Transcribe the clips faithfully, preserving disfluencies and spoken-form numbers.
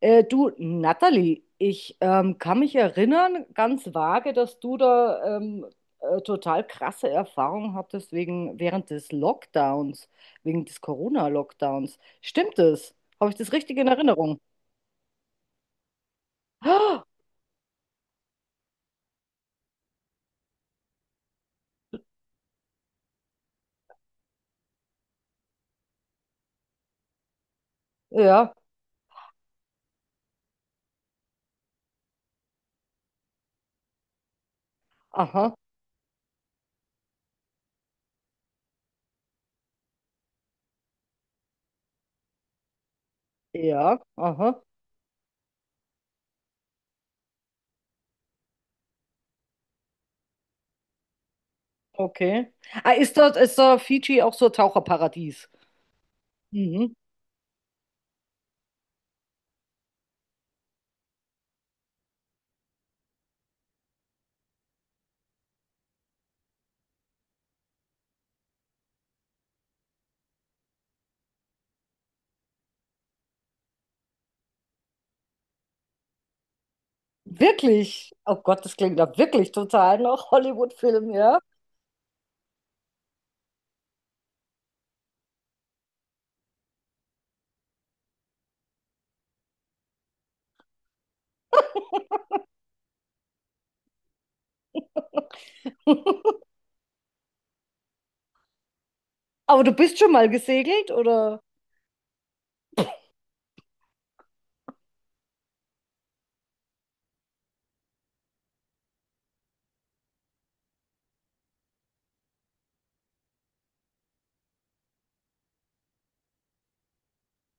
Äh, du, Natalie, ich ähm, kann mich erinnern, ganz vage, dass du da ähm, äh, total krasse Erfahrungen hattest wegen, während des Lockdowns, wegen des Corona-Lockdowns. Stimmt das? Habe ich das richtig in Erinnerung? Ah, ja, aha, ja, aha, okay. Ah, ist da, ist da Fidschi auch so ein Taucherparadies? Mhm. Wirklich? Oh Gott, das klingt da wirklich total nach Hollywood-Film, ja? Aber du bist schon mal gesegelt, oder?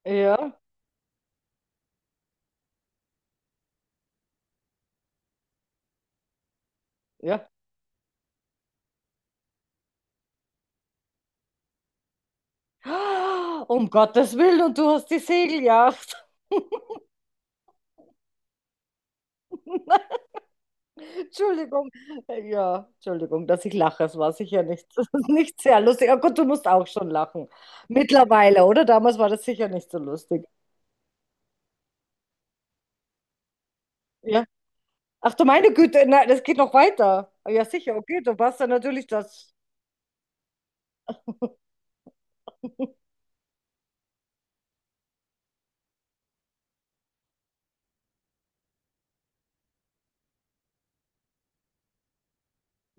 Ja. Ja. Um Gottes Willen, und du hast die Segeljagd. Nein, Entschuldigung. Ja, Entschuldigung, dass ich lache. Es war sicher nicht, nicht sehr lustig. Oh Gott, du musst auch schon lachen. Mittlerweile, oder? Damals war das sicher nicht so lustig. Ja. Ach du meine Güte, nein, das geht noch weiter. Ja, sicher, okay, du warst dann natürlich das.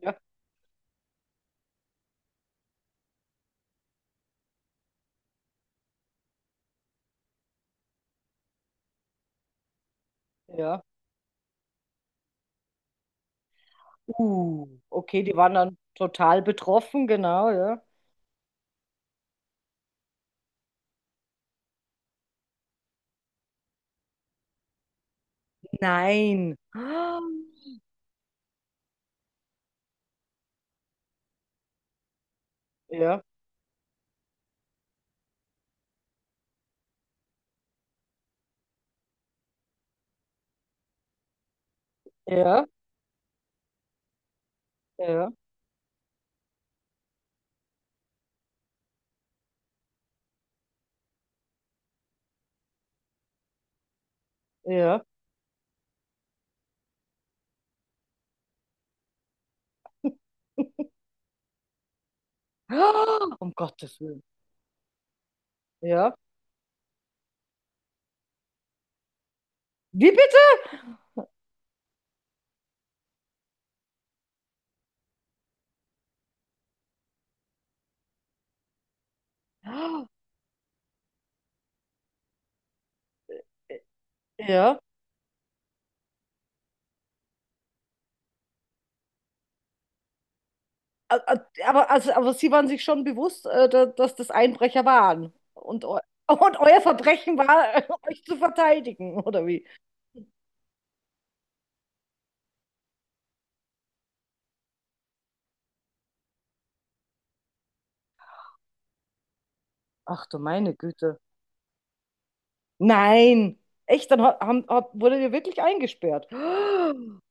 Ja, ja. Uh, okay, die waren dann total betroffen, genau, ja. Nein. Ah, ja, ja, ja, ja. Ah, um Gottes Willen. Ja. Wie bitte? Ah, ja. A- a- Aber, also, aber Sie waren sich schon bewusst, äh, da- dass das Einbrecher waren. Und, eu Und euer Verbrechen war, äh, euch zu verteidigen, oder wie? Ach du meine Güte. Nein. Echt, dann ha- haben, hab, wurde ihr wirklich eingesperrt.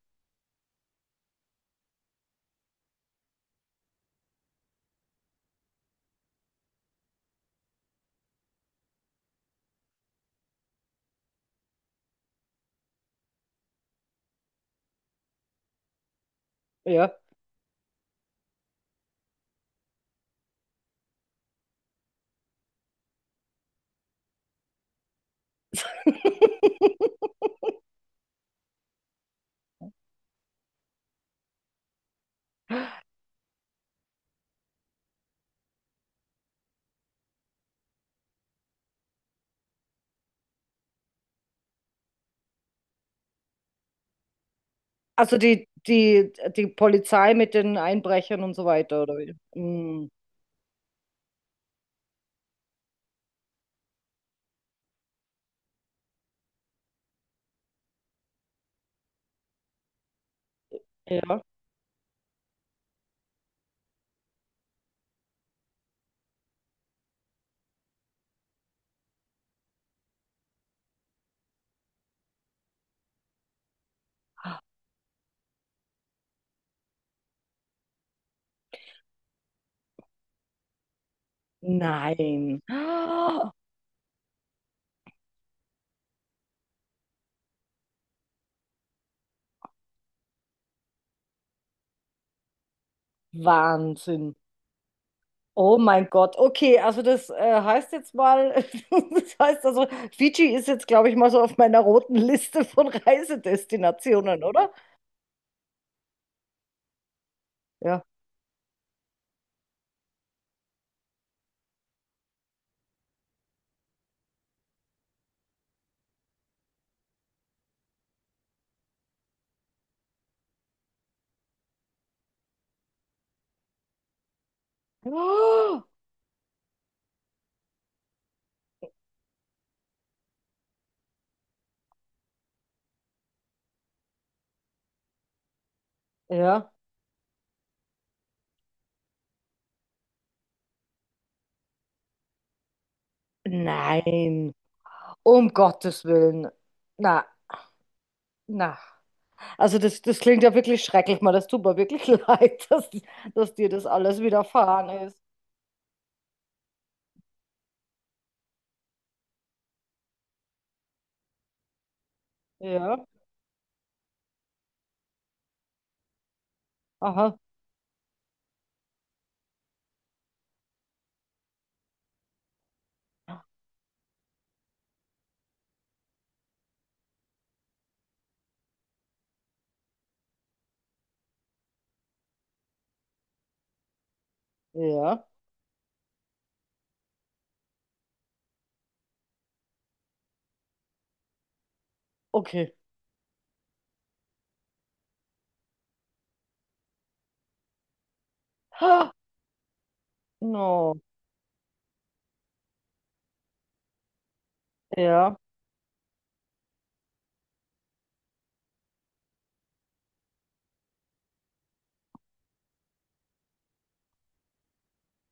Ah, ja. Also die, die, die Polizei mit den Einbrechern und so weiter, oder wie? Mm, ja. Nein. Ah, Wahnsinn. Oh mein Gott, okay, also das äh, heißt jetzt mal, das heißt also, Fidschi ist jetzt, glaube ich, mal so auf meiner roten Liste von Reisedestinationen, oder? Ja. Oh, ja. Nein, um Gottes Willen. Na, na. Also das, das klingt ja wirklich schrecklich, mal. Das tut mir wirklich leid, dass, dass dir das alles widerfahren ist. Ja, aha, ja, okay. Ah, no, ja,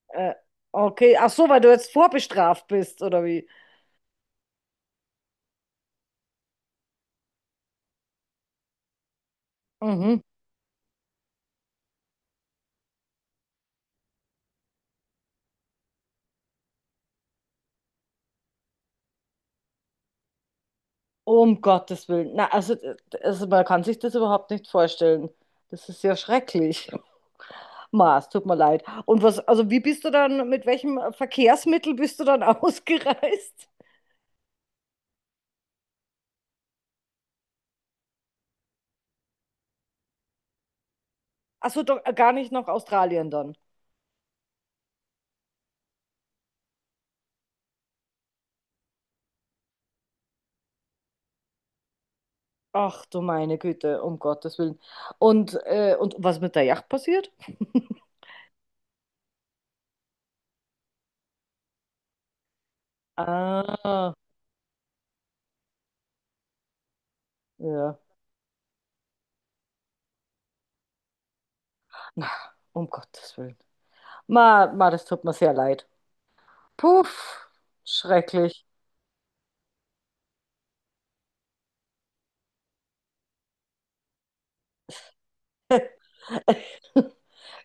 äh, okay. Ach so, weil du jetzt vorbestraft bist, oder wie? Mhm. Um Gottes Willen. Na, also, d- also man kann sich das überhaupt nicht vorstellen. Das ist ja schrecklich. Ma, es tut mir leid. Und was, also wie bist du dann, mit welchem Verkehrsmittel bist du dann ausgereist? Achso, doch äh, gar nicht nach Australien dann. Ach du meine Güte, um Gottes Willen. Und, äh, und was mit der Yacht passiert? Ah, ja. Na, um Gottes Willen. Ma, ma, das tut mir sehr leid. Puff, schrecklich.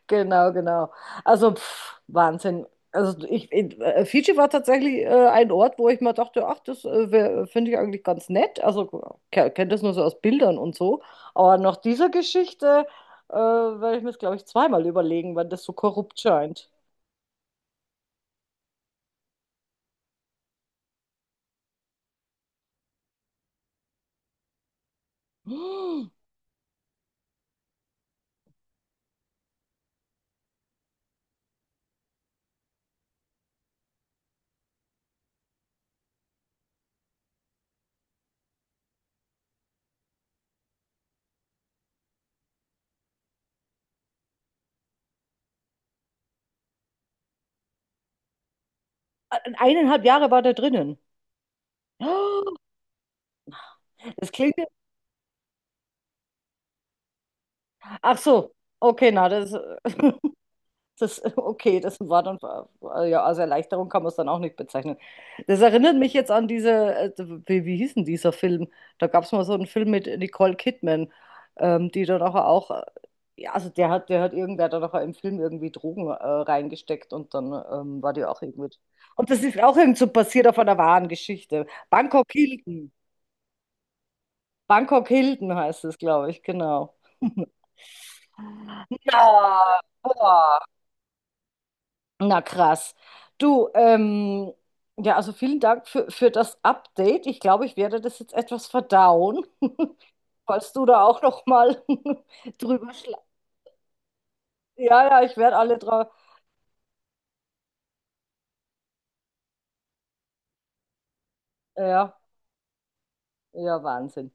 Genau, genau. Also pff, Wahnsinn. Also ich, ich- äh, Fidschi war tatsächlich äh, ein Ort, wo ich mir dachte, ach, das äh, finde ich eigentlich ganz nett. Also ke- kennt das nur so aus Bildern und so. Aber nach dieser Geschichte äh, werde ich mir das, glaube ich, zweimal überlegen, weil das so korrupt scheint. Hm. Eineinhalb Jahre war der drinnen. Oh, das klingt ja, ach so. Okay, na, das. äh, Das, okay, das war dann, äh, ja, als Erleichterung kann man es dann auch nicht bezeichnen. Das erinnert mich jetzt an diese, äh, wie, wie hieß denn dieser Film? Da gab es mal so einen Film mit Nicole Kidman, ähm, die dann auch, auch, äh, ja, also der hat, der hat irgendwer da noch im Film irgendwie Drogen äh, reingesteckt und dann ähm, war die auch irgendwie. Und das ist auch irgend so passiert auf einer wahren Geschichte. Bangkok Hilton. Bangkok Hilton heißt es, glaube ich, genau. Ja, boah. Na krass. Du, ähm, ja, also vielen Dank für, für das Update. Ich glaube, ich werde das jetzt etwas verdauen, falls du da auch noch mal drüber schla. Ja, ja, ich werde alle drauf. Ja, ja, Wahnsinn.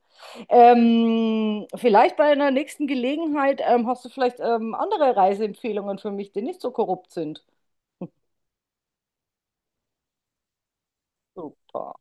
Ähm, vielleicht bei einer nächsten Gelegenheit ähm, hast du vielleicht ähm, andere Reiseempfehlungen für mich, die nicht so korrupt sind. Super.